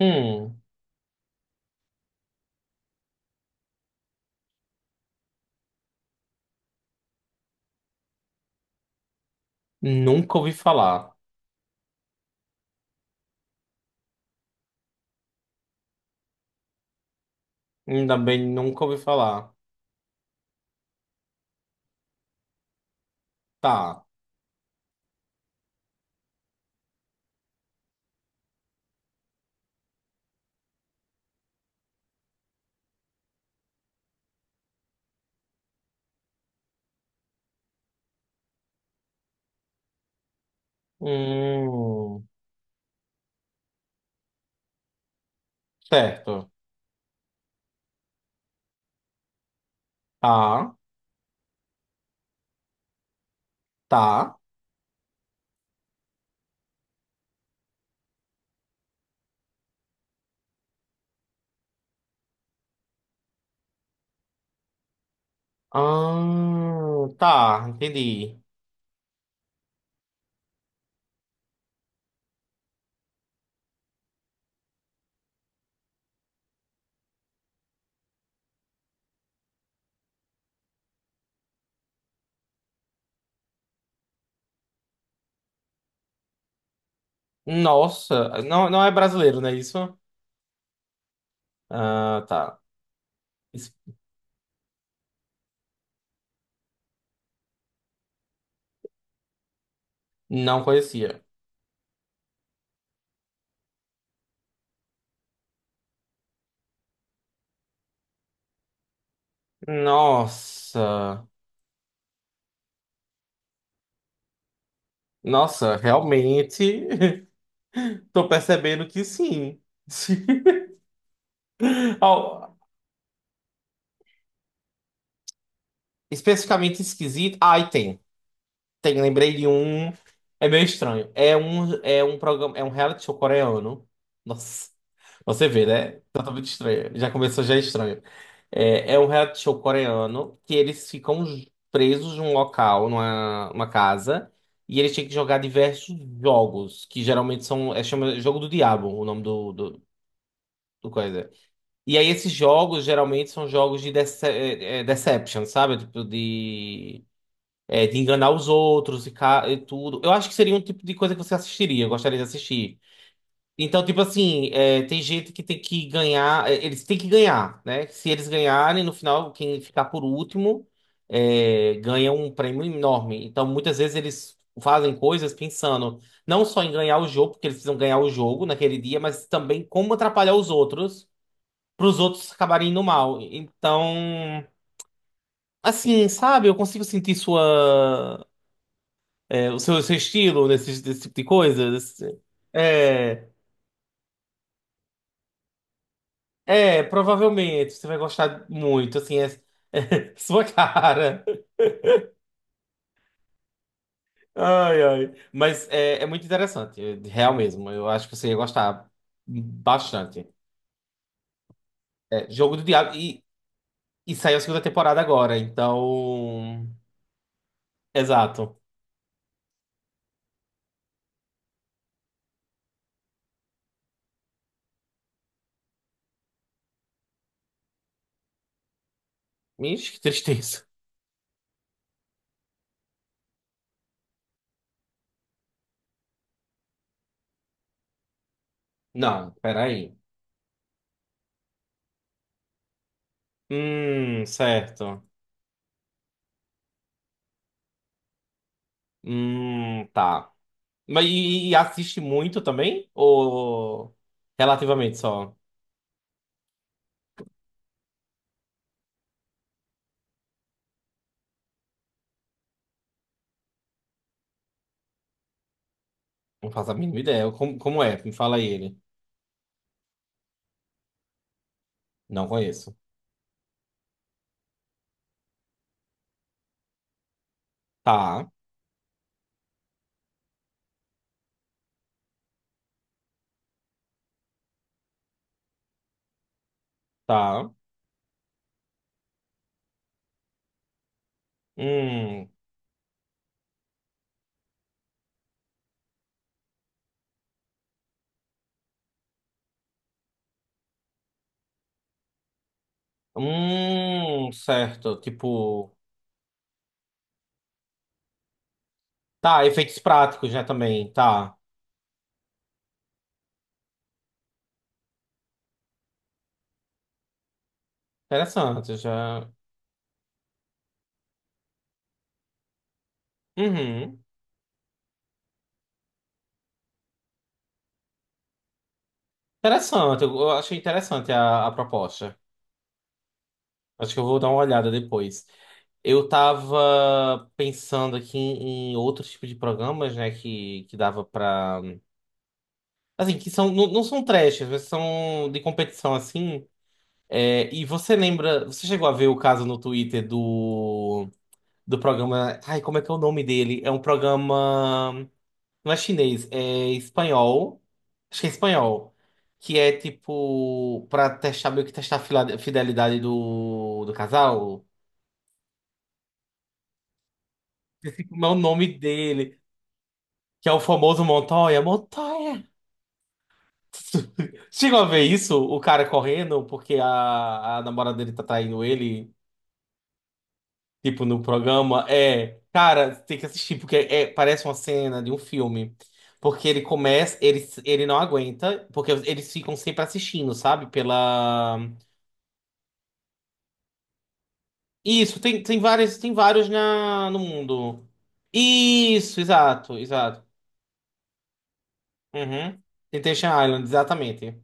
Hum, nunca ouvi falar. Ainda bem, nunca ouvi falar. Tá. Hum, certo. Tá, tá. Ah, tá, entendi. Nossa, não é brasileiro, não é isso? Ah, tá. Isso- Não conhecia. Nossa, nossa, realmente tô percebendo que sim. Ó, especificamente esquisito. Ah, e tem. Tem, lembrei de um. É meio estranho. É um reality show coreano. Nossa, você vê, né? Totalmente estranho. Já começou já é estranho. É, é um reality show coreano que eles ficam presos num local, numa casa, e eles têm que jogar diversos jogos, que geralmente são, é chama Jogo do Diabo, o nome do coisa. E aí esses jogos geralmente são jogos de deception, sabe? Tipo de é, de enganar os outros e, e tudo. Eu acho que seria um tipo de coisa que você assistiria, eu gostaria de assistir. Então, tipo assim, é, tem gente que tem que ganhar, é, eles têm que ganhar, né? Se eles ganharem, no final, quem ficar por último é, ganha um prêmio enorme. Então, muitas vezes eles fazem coisas pensando não só em ganhar o jogo, porque eles precisam ganhar o jogo naquele dia, mas também como atrapalhar os outros, para os outros acabarem indo mal. Então, assim, sabe, eu consigo sentir sua. É, o seu estilo nesse, desse tipo de coisa? É, é, provavelmente você vai gostar muito, assim, é, é sua cara. Ai, ai. Mas é, é muito interessante, é real mesmo. Eu acho que você ia gostar bastante. É, Jogo do Diabo, e saiu a segunda temporada agora, então. Exato. Ixi, que tristeza. Não, peraí. Certo. Tá. Mas e assiste muito também? Ou relativamente só? Não faço a mínima ideia. Como, como é? Me fala aí ele. Não conheço. Tá, tá. Hum, certo. Tipo, tá, efeitos práticos já também. Tá. Interessante, já. Uhum. Interessante, eu achei interessante a proposta. Acho que eu vou dar uma olhada depois. Eu tava pensando aqui em, em outros tipos de programas, né, que dava pra. Assim, que são, não, não são trash, mas são de competição assim. É, e você lembra, você chegou a ver o caso no Twitter do, do programa. Ai, como é que é o nome dele? É um programa. Não é chinês, é espanhol. Acho que é espanhol. Que é tipo. Pra testar, meio que testar a fidelidade do, do casal. Esse, como é o nome dele? Que é o famoso Montoya. Montoya! Chegou a ver isso? O cara correndo porque a namorada dele tá traindo ele, tipo, no programa. É, cara, tem que assistir, porque é, parece uma cena de um filme. Porque ele começa, ele não aguenta, porque eles ficam sempre assistindo, sabe? Pela. Isso, tem, tem várias, tem vários na, no mundo. Isso, exato, exato. Uhum. Temptation Island, exatamente.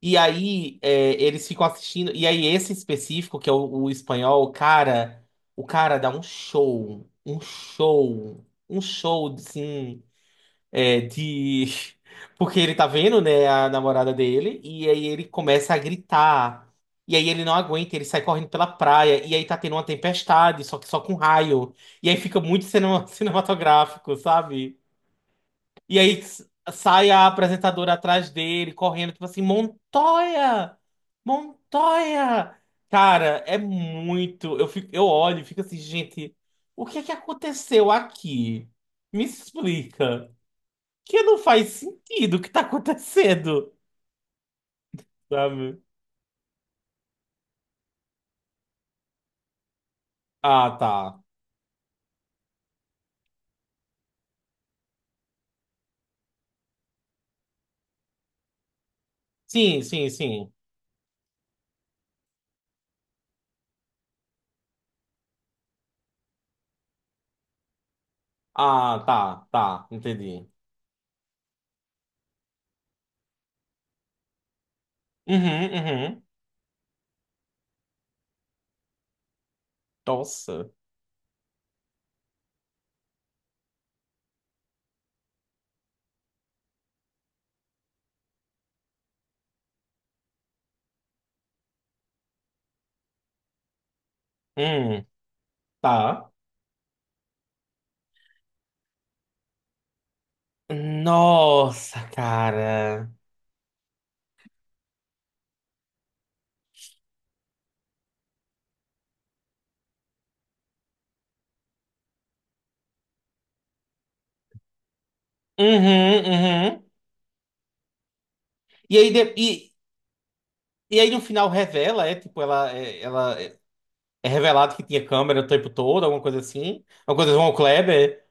E aí, é, eles ficam assistindo. E aí, esse específico, que é o espanhol, cara, o cara dá um show, assim, é, de. Porque ele tá vendo, né, a namorada dele, e aí ele começa a gritar. E aí ele não aguenta, ele sai correndo pela praia, e aí tá tendo uma tempestade, só que só com raio. E aí fica muito cinematográfico, sabe? E aí sai a apresentadora atrás dele, correndo, tipo assim, Montoya! Montoya! Cara, é muito. Eu fico, eu olho e fico assim, gente, o que é que aconteceu aqui? Me explica. Que não faz sentido o que tá acontecendo, sabe? Ah, tá. Sim, sim, sim. Ah, tá, tá. Entendi. Uhum, uhum. Nossa. Hum, tá. Nossa, cara. Uhum, uhum. E aí, de- e, e aí no final revela, é tipo, ela, é revelado que tinha câmera o tempo todo, alguma coisa assim. Alguma coisa do Von Kleber.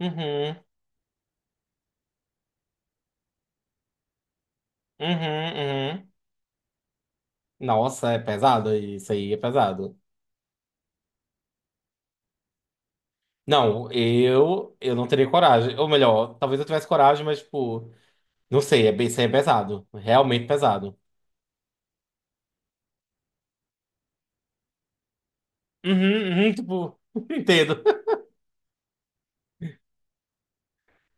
Uhum, uhum, uhum. Nossa, é pesado, isso aí é pesado. Não, eu não teria coragem. Ou melhor, talvez eu tivesse coragem, mas, tipo, não sei, é, isso aí é pesado. Realmente pesado. Uhum, uhum, tipo, entendo.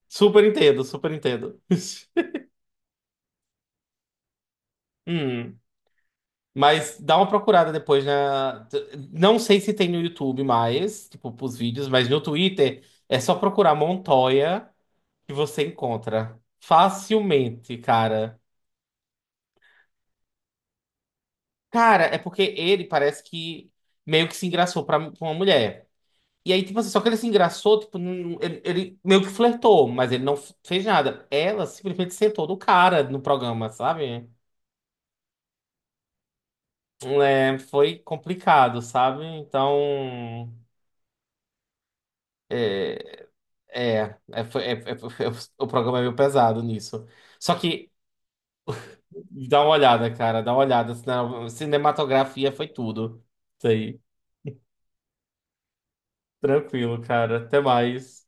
Super entendo, super entendo. Hum. Mas dá uma procurada depois na. Não sei se tem no YouTube mais, tipo, pros vídeos, mas no Twitter é só procurar Montoya que você encontra facilmente, cara. Cara, é porque ele parece que meio que se engraçou pra, pra uma mulher. E aí, tipo assim, só que ele se engraçou, tipo, ele, ele meio que flertou, mas ele não fez nada. Ela simplesmente sentou no cara no programa, sabe? É, foi complicado, sabe? Então. É, É, é, foi- é- é- foi- o programa é meio pesado nisso. Só que dá uma olhada, cara, dá uma olhada. Cinematografia foi tudo. Isso aí. Tranquilo, cara. Até mais.